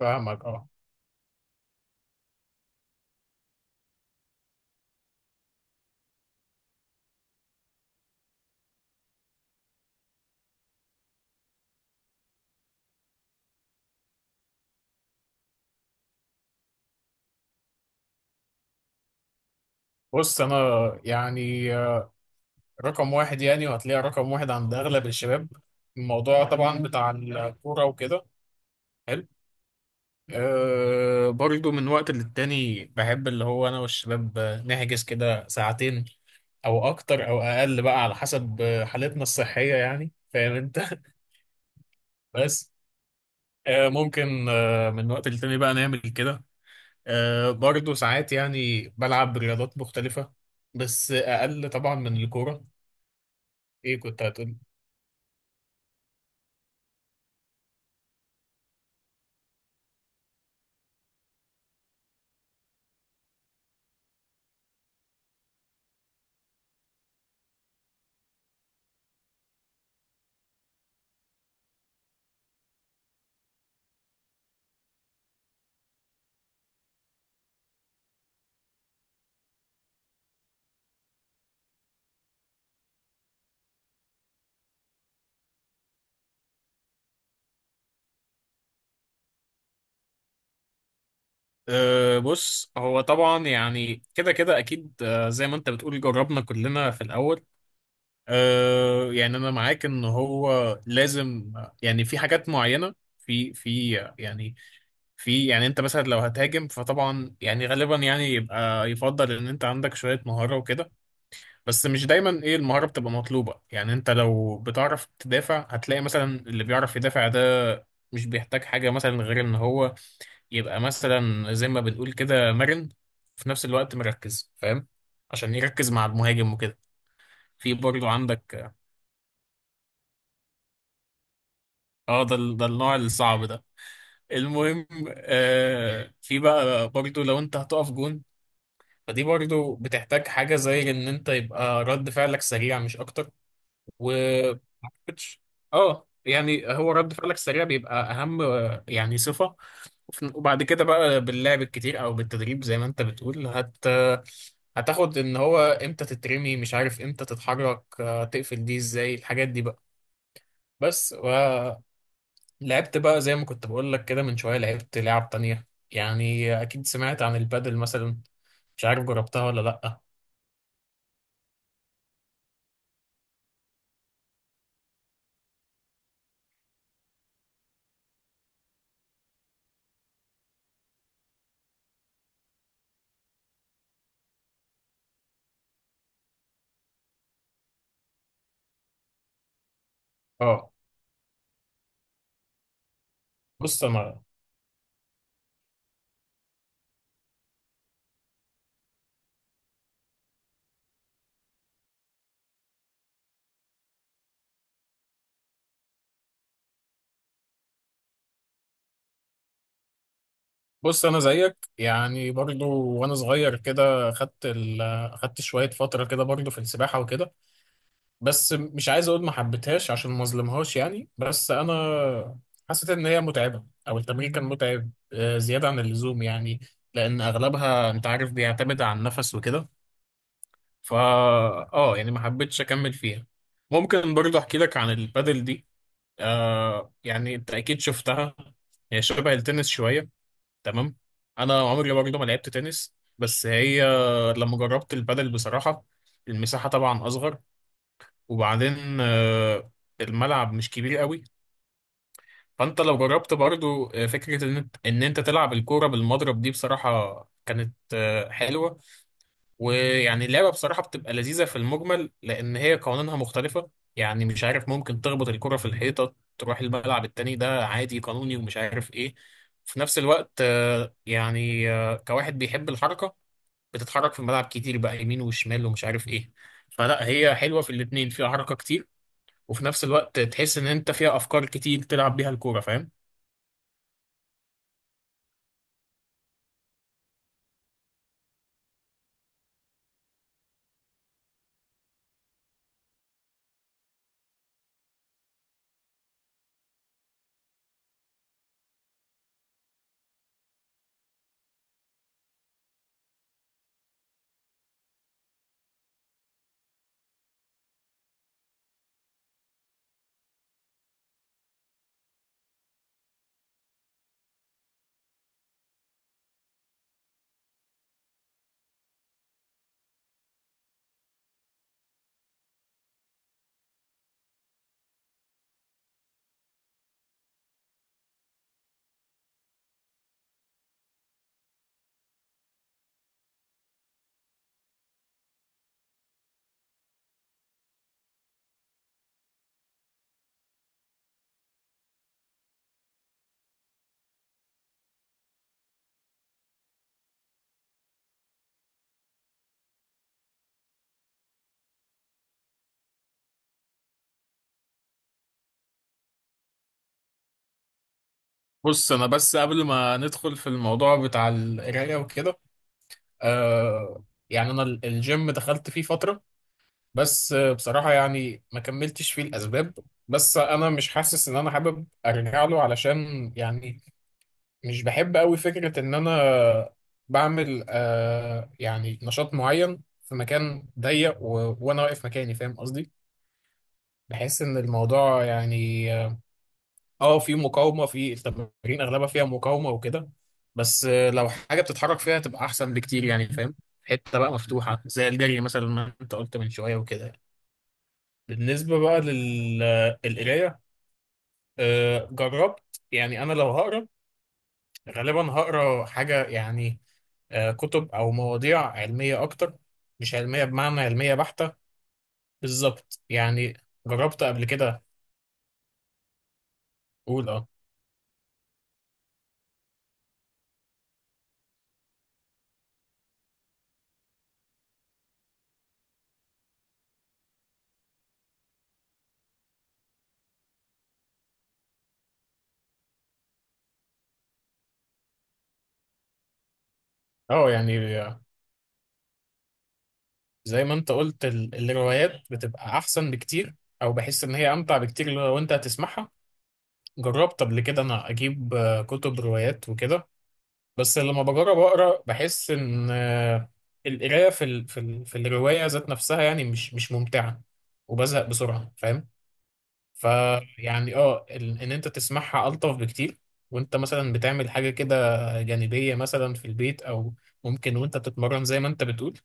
فاهمك، اه. بص انا يعني رقم واحد، يعني وهتلاقي رقم واحد عند اغلب الشباب. الموضوع طبعا بتاع الكوره وكده. حلو. أه، برضو من وقت للتاني بحب اللي هو انا والشباب نحجز كده ساعتين او اكتر او اقل بقى على حسب حالتنا الصحيه، يعني فاهم انت. بس ممكن من وقت للتاني بقى نعمل كده. أه، برضو ساعات يعني بلعب رياضات مختلفه، بس اقل طبعا من الكوره. ايه كنت هتقول؟ أه، بص هو طبعا يعني كده كده اكيد. أه، زي ما انت بتقول جربنا كلنا في الاول. أه يعني انا معاك ان هو لازم. يعني في حاجات معينه في يعني في، يعني انت مثلا لو هتهاجم فطبعا يعني غالبا يعني يبقى يفضل ان انت عندك شويه مهاره وكده. بس مش دايما ايه المهاره بتبقى مطلوبه، يعني انت لو بتعرف تدافع هتلاقي مثلا اللي بيعرف يدافع ده مش بيحتاج حاجه مثلا غير ان هو يبقى مثلا زي ما بنقول كده مرن في نفس الوقت، مركز، فاهم؟ عشان يركز مع المهاجم وكده. في برضو عندك. اه، ده النوع الصعب ده. المهم، في بقى برضو لو انت هتقف جون، فدي برضو بتحتاج حاجة زي ان انت يبقى رد فعلك سريع، مش اكتر. و ما أعتقدش- اه يعني هو رد فعلك السريع بيبقى اهم، يعني صفه. وبعد كده بقى باللعب الكتير او بالتدريب زي ما انت بتقول هتاخد ان هو امتى تترمي، مش عارف امتى تتحرك، تقفل، دي ازاي الحاجات دي بقى. بس ولعبت بقى زي ما كنت بقول لك كده من شويه لعبت لعب تانية، يعني اكيد سمعت عن البادل مثلا، مش عارف جربتها ولا لا. اه. بص انا بص انا زيك يعني، برضو وانا صغير كده خدت شويه فتره كده برضو في السباحه وكده. بس مش عايز اقول ما حبيتهاش عشان ما اظلمهاش، يعني بس انا حسيت ان هي متعبه او التمرين كان متعب زياده عن اللزوم، يعني لان اغلبها انت عارف بيعتمد على النفس وكده. فا اه يعني ما حبيتش اكمل فيها. ممكن برضو احكي لك عن البادل دي، يعني انت اكيد شفتها، هي شبه التنس شويه. تمام. انا عمري برضه ما لعبت تنس، بس هي لما جربت البادل بصراحه، المساحه طبعا اصغر، وبعدين الملعب مش كبير قوي. فانت لو جربت برضه، فكره ان انت إن إنت تلعب الكوره بالمضرب دي بصراحه كانت حلوه. ويعني اللعبة بصراحة بتبقى لذيذة في المجمل، لأن هي قوانينها مختلفة. يعني مش عارف، ممكن تخبط الكرة في الحيطة تروح الملعب التاني ده عادي قانوني ومش عارف إيه. في نفس الوقت، كواحد بيحب الحركة بتتحرك في الملعب كتير بقى يمين وشمال ومش عارف إيه. فلا، هي حلوة في الاتنين، فيها حركة كتير، وفي نفس الوقت تحس إن أنت فيها أفكار كتير تلعب بيها الكورة، فاهم؟ بص أنا بس قبل ما ندخل في الموضوع بتاع القراية وكده، آه، يعني أنا الجيم دخلت فيه فترة، بس بصراحة يعني ما كملتش فيه الأسباب. بس أنا مش حاسس إن أنا حابب أرجع له، علشان يعني مش بحب أوي فكرة إن أنا بعمل يعني نشاط معين في مكان ضيق وأنا واقف مكاني، فاهم قصدي؟ بحس إن الموضوع يعني، في مقاومة، في التمارين أغلبها فيها مقاومة وكده. بس لو حاجة بتتحرك فيها تبقى أحسن بكتير، يعني فاهم؟ حتة بقى مفتوحة زي الجري مثلا، ما أنت قلت من شوية وكده. بالنسبة بقى للقراية، جربت. يعني أنا لو هقرا غالبا هقرا حاجة، يعني كتب أو مواضيع علمية أكتر. مش علمية بمعنى علمية بحتة، بالظبط يعني. جربت قبل كده. أقول أه. أه يعني زي ما أنت قلت الروايات بتبقى أحسن بكتير، أو بحس إن هي أمتع بكتير لو أنت هتسمعها. جربت قبل كده أنا أجيب كتب روايات وكده. بس لما بجرب اقرا بحس ان، القرايه في في الروايه ذات نفسها، يعني مش ممتعه وبزهق بسرعه، فاهم؟ فيعني اه ان انت تسمعها الطف بكتير، وانت مثلا بتعمل حاجه كده جانبيه مثلا في البيت، او ممكن وانت بتتمرن زي ما انت بتقول.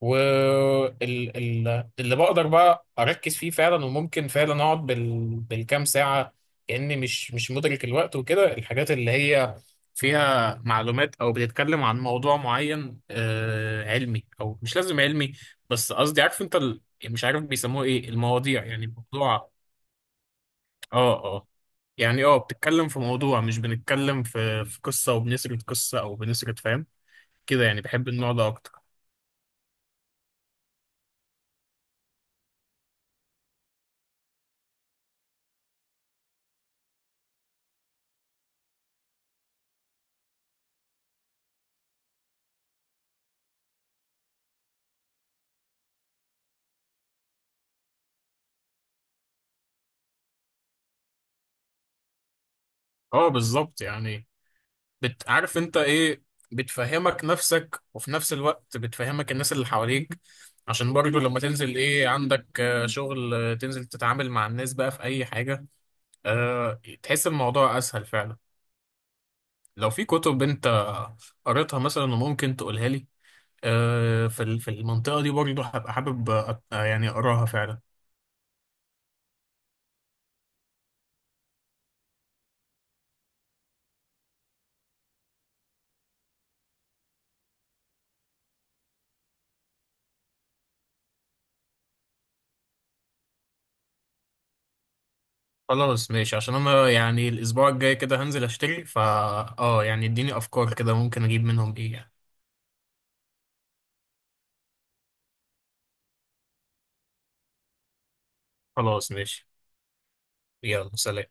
واللي بقدر بقى اركز فيه فعلا، وممكن فعلا اقعد بالكام ساعه كاني مش مدرك الوقت وكده. الحاجات اللي هي فيها معلومات او بتتكلم عن موضوع معين علمي او مش لازم علمي، بس قصدي عارف انت، مش عارف بيسموه ايه المواضيع، يعني الموضوع. اه اه يعني اه بتتكلم في موضوع، مش بنتكلم في قصه وبنسرد قصه او بنسرد، فاهم؟ كده يعني بحب النوع ده اكتر. اه، بالظبط يعني. عارف انت ايه، بتفهمك نفسك وفي نفس الوقت بتفهمك الناس اللي حواليك. عشان برضو لما تنزل، ايه عندك شغل، تنزل تتعامل مع الناس بقى في اي حاجة، تحس الموضوع اسهل فعلا. لو في كتب انت قريتها مثلا وممكن تقولها لي، في في المنطقة دي برضو هبقى حابب يعني اقراها فعلا. خلاص ماشي، عشان انا يعني الاسبوع الجاي كده هنزل اشتري، اه يعني اديني افكار كده ممكن اجيب منهم ايه يعني. خلاص ماشي. يلا سلام.